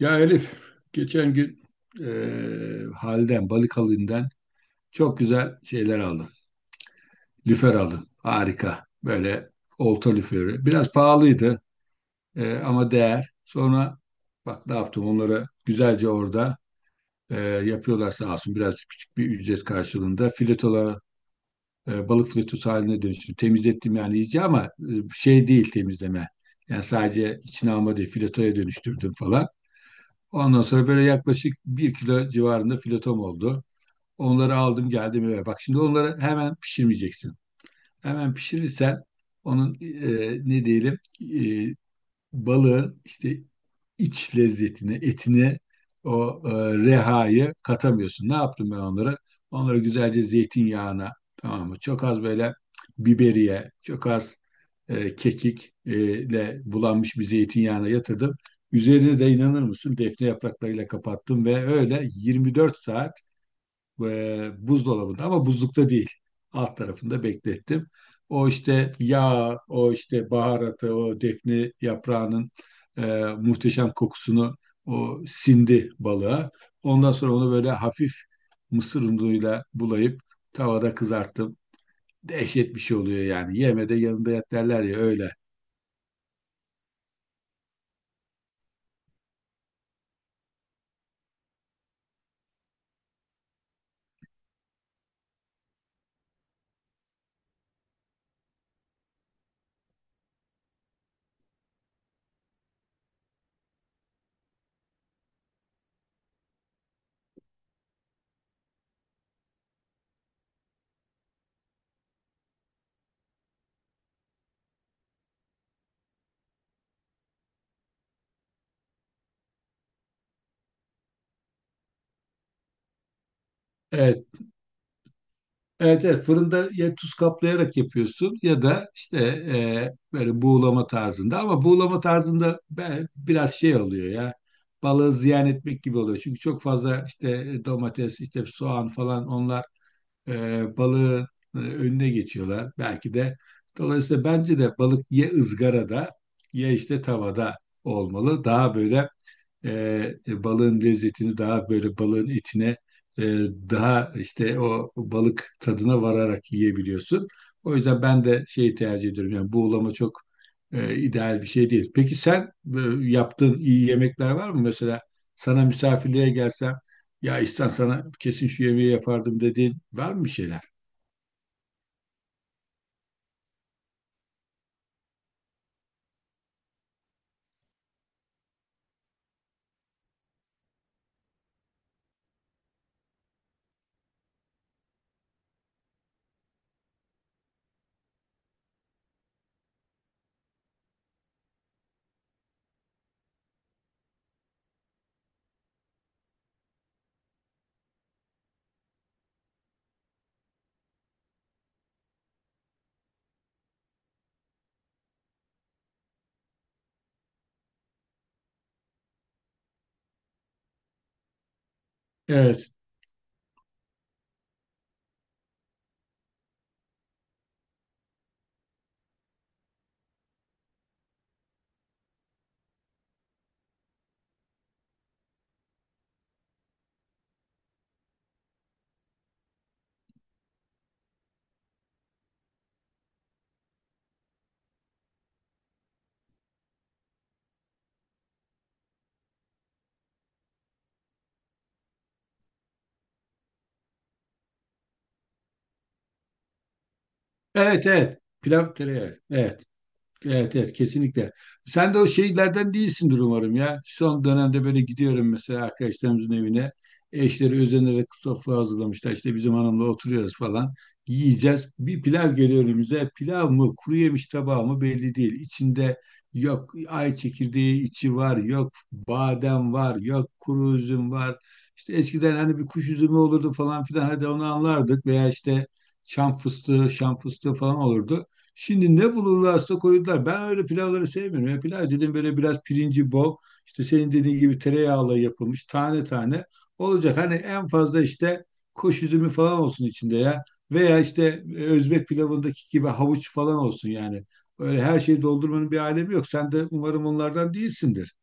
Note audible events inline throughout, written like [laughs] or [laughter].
Ya Elif, geçen gün Halden, Balıkalı'ndan çok güzel şeyler aldım. Lüfer aldım. Harika. Böyle olta lüferi. Biraz pahalıydı, ama değer. Sonra bak ne yaptım onları güzelce orada eee, yapıyorlar sağ olsun. Biraz küçük bir ücret karşılığında filetolar balık filetosu haline dönüştüm. Temizlettim yani iyice ama şey değil temizleme. Yani sadece içine alma değil filetoya dönüştürdüm falan. Ondan sonra böyle yaklaşık bir kilo civarında filetom oldu. Onları aldım geldim eve. Bak şimdi onları hemen pişirmeyeceksin. Hemen pişirirsen onun ne diyelim e, balığın işte iç lezzetini, etini, o rehayı katamıyorsun. Ne yaptım ben onlara? Onlara güzelce zeytinyağına, tamam mı? Çok az böyle biberiye, çok az kekik ile bulanmış bir zeytinyağına yatırdım. Üzerine de inanır mısın defne yapraklarıyla kapattım ve öyle 24 saat buzdolabında ama buzlukta değil. Alt tarafında beklettim. O işte yağ, o işte baharatı, o defne yaprağının e, muhteşem kokusunu o sindi balığa. Ondan sonra onu böyle hafif mısır unuyla bulayıp tavada kızarttım. Dehşet bir şey oluyor yani. Yeme de yanında yat derler ya, öyle. Evet. Evet, evet, fırında ya tuz kaplayarak yapıyorsun ya da işte böyle buğulama tarzında, ama buğulama tarzında biraz şey oluyor ya, balığı ziyan etmek gibi oluyor. Çünkü çok fazla işte domates işte soğan falan, onlar balığın önüne geçiyorlar. Belki de dolayısıyla bence de balık ya ızgarada ya işte tavada olmalı. Daha böyle e, balığın lezzetini daha böyle balığın içine e, daha işte o balık tadına vararak yiyebiliyorsun. O yüzden ben de şeyi tercih ediyorum. Yani buğulama çok ideal bir şey değil. Peki sen e, yaptığın iyi yemekler var mı? Mesela sana misafirliğe gelsem, ya İhsan, sana kesin şu yemeği yapardım dediğin var mı, bir şeyler? Evet. Evet, evet. Pilav tereyağı. Evet. Evet, evet, kesinlikle. Sen de o şeylerden değilsindir umarım ya. Son dönemde böyle gidiyorum mesela arkadaşlarımızın evine. Eşleri özenerek sofra hazırlamışlar. İşte bizim hanımla oturuyoruz falan. Yiyeceğiz. Bir pilav geliyor önümüze. Pilav mı, kuru yemiş tabağı mı belli değil. İçinde yok ay çekirdeği içi var. Yok badem var. Yok kuru üzüm var. İşte eskiden hani bir kuş üzümü olurdu falan filan. Hadi onu anlardık. Veya işte çam fıstığı, şam fıstığı falan olurdu. Şimdi ne bulurlarsa koydular. Ben öyle pilavları sevmiyorum. Ya pilav dedim, böyle biraz pirinci bol. İşte senin dediğin gibi tereyağıyla yapılmış tane tane olacak. Hani en fazla işte kuş üzümü falan olsun içinde ya. Veya işte Özbek pilavındaki gibi havuç falan olsun yani. Öyle her şeyi doldurmanın bir alemi yok. Sen de umarım onlardan değilsindir.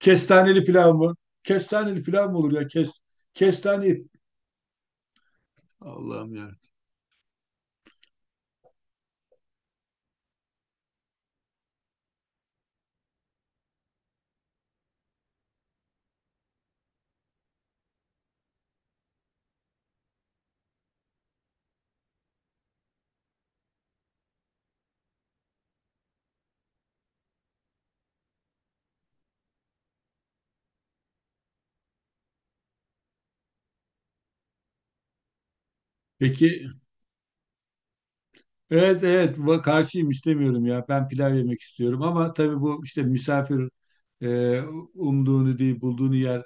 Kestaneli pilav mı? Kestaneli pilav mı olur ya? Kestane. Allah'ım ya. Peki, evet evet, bu karşıyım, istemiyorum ya. Ben pilav yemek istiyorum, ama tabii bu işte misafir e, umduğunu değil bulduğunu yer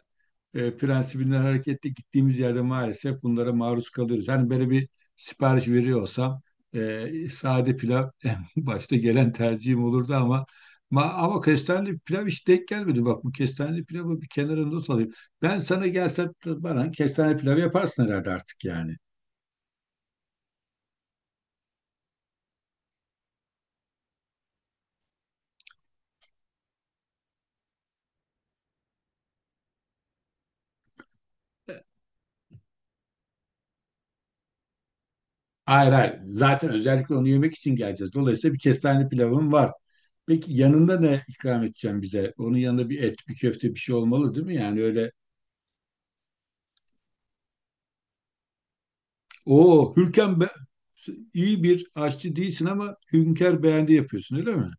prensibinden hareketle gittiğimiz yerde maalesef bunlara maruz kalıyoruz. Hani böyle bir sipariş veriyor olsam sade pilav [laughs] en başta gelen tercihim olurdu, ama ama kestaneli pilav hiç denk gelmedi. Bak, bu kestaneli pilavı bir kenara not alayım. Ben sana gelsem bana kestane pilavı yaparsın herhalde artık yani. Hayır, hayır. Zaten özellikle onu yemek için geleceğiz. Dolayısıyla bir kestaneli pilavım var. Peki yanında ne ikram edeceğim bize? Onun yanında bir et, bir köfte, bir şey olmalı değil mi? Yani öyle. Oo, iyi bir aşçı değilsin ama Hünkar beğendi yapıyorsun, öyle mi?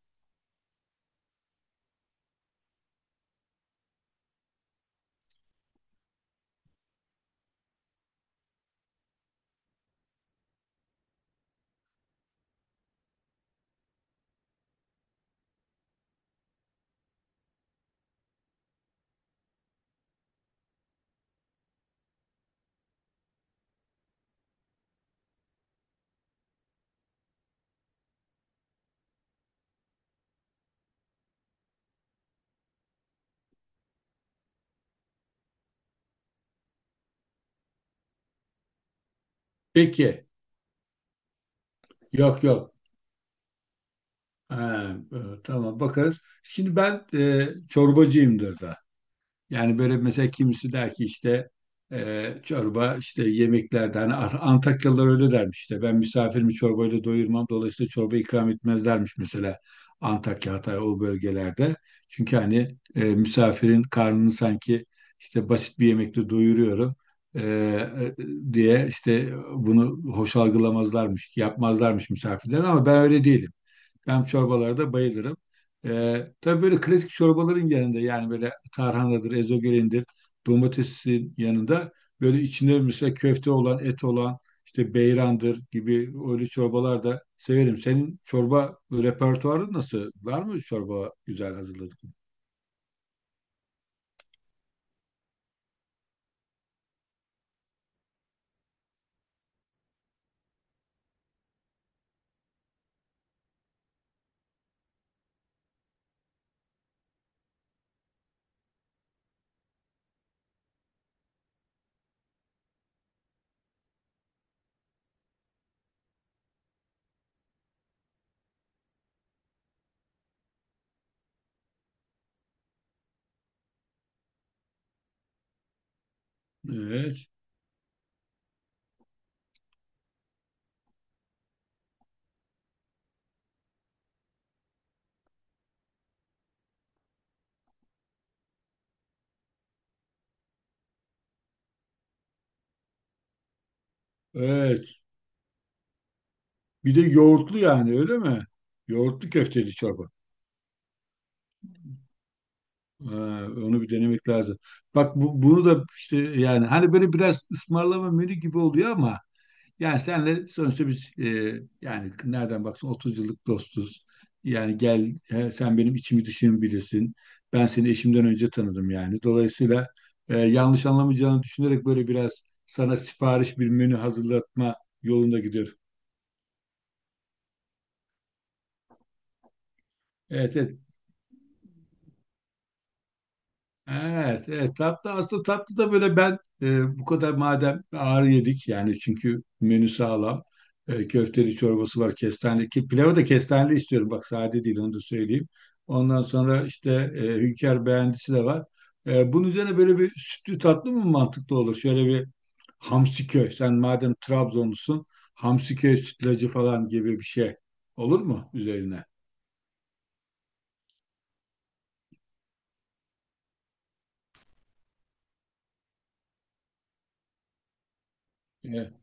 Peki. Yok, yok. Ha, tamam, bakarız. Şimdi ben çorbacıyımdır da. Yani böyle mesela kimisi der ki işte çorba işte yemeklerde, hani Antakyalılar öyle dermiş, işte ben misafirimi çorbayla doyurmam, dolayısıyla çorba ikram etmezlermiş mesela Antakya, Hatay, o bölgelerde. Çünkü hani misafirin karnını sanki işte basit bir yemekle doyuruyorum e, e, diye işte bunu hoş algılamazlarmış, yapmazlarmış misafirler, ama ben öyle değilim. Ben çorbalara da bayılırım. Tabii böyle klasik çorbaların yanında, yani böyle tarhanadır, ezogelindir, domatesin yanında, böyle içinde mesela köfte olan, et olan, işte beyrandır gibi, öyle çorbalar da severim. Senin çorba repertuarın nasıl? Var mı çorba güzel hazırladığın? Evet, evet. Bir de yoğurtlu yani, öyle mi? Yoğurtlu köfteli çorba. Ha, onu bir denemek lazım. Bak, bunu da işte, yani hani, böyle biraz ısmarlama menü gibi oluyor ama. Yani senle sonuçta biz yani nereden baksan 30 yıllık dostuz. Yani gel he, sen benim içimi dışımı bilirsin. Ben seni eşimden önce tanıdım yani. Dolayısıyla yanlış anlamayacağını düşünerek böyle biraz sana sipariş bir menü hazırlatma yolunda gidiyor. Evet, evet. Evet, evet, tatlı. Aslında tatlı da böyle ben bu kadar, madem ağır yedik yani, çünkü menü sağlam. Köfteli çorbası var, kestane ki pilavı da kestaneli istiyorum, bak sade değil, onu da söyleyeyim, ondan sonra işte hünkar beğendisi de var. Bunun üzerine böyle bir sütlü tatlı mı mantıklı olur, şöyle bir Hamsiköy, sen madem Trabzonlusun, Hamsiköy sütlacı falan gibi bir şey olur mu üzerine? E,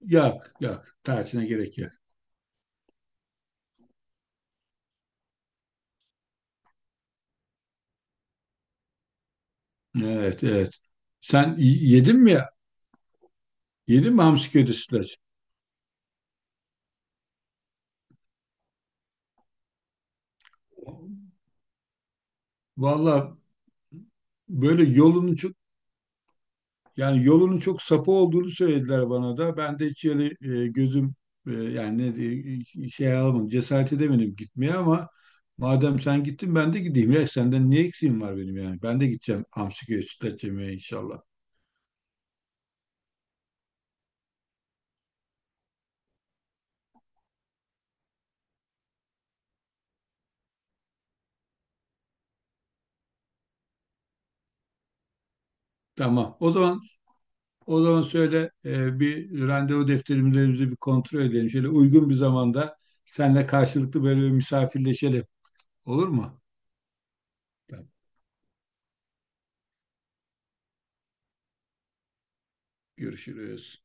yok, yok, tarçına gerek yok. Evet, evet. Sen yedin mi ya? Yedin mi hamsi köri sütlaç? Valla böyle yolunun çok sapı olduğunu söylediler bana da. Ben de hiç öyle gözüm yani şey alamadım. Cesaret edemedim gitmeye, ama madem sen gittin ben de gideyim ya. Senden niye eksiğim var benim yani? Ben de gideceğim hamsi köri sütlaç yemeye inşallah. Tamam. O zaman söyle, bir randevu defterimizi bir kontrol edelim. Şöyle uygun bir zamanda seninle karşılıklı böyle bir misafirleşelim. Olur mu? Tamam, görüşürüz.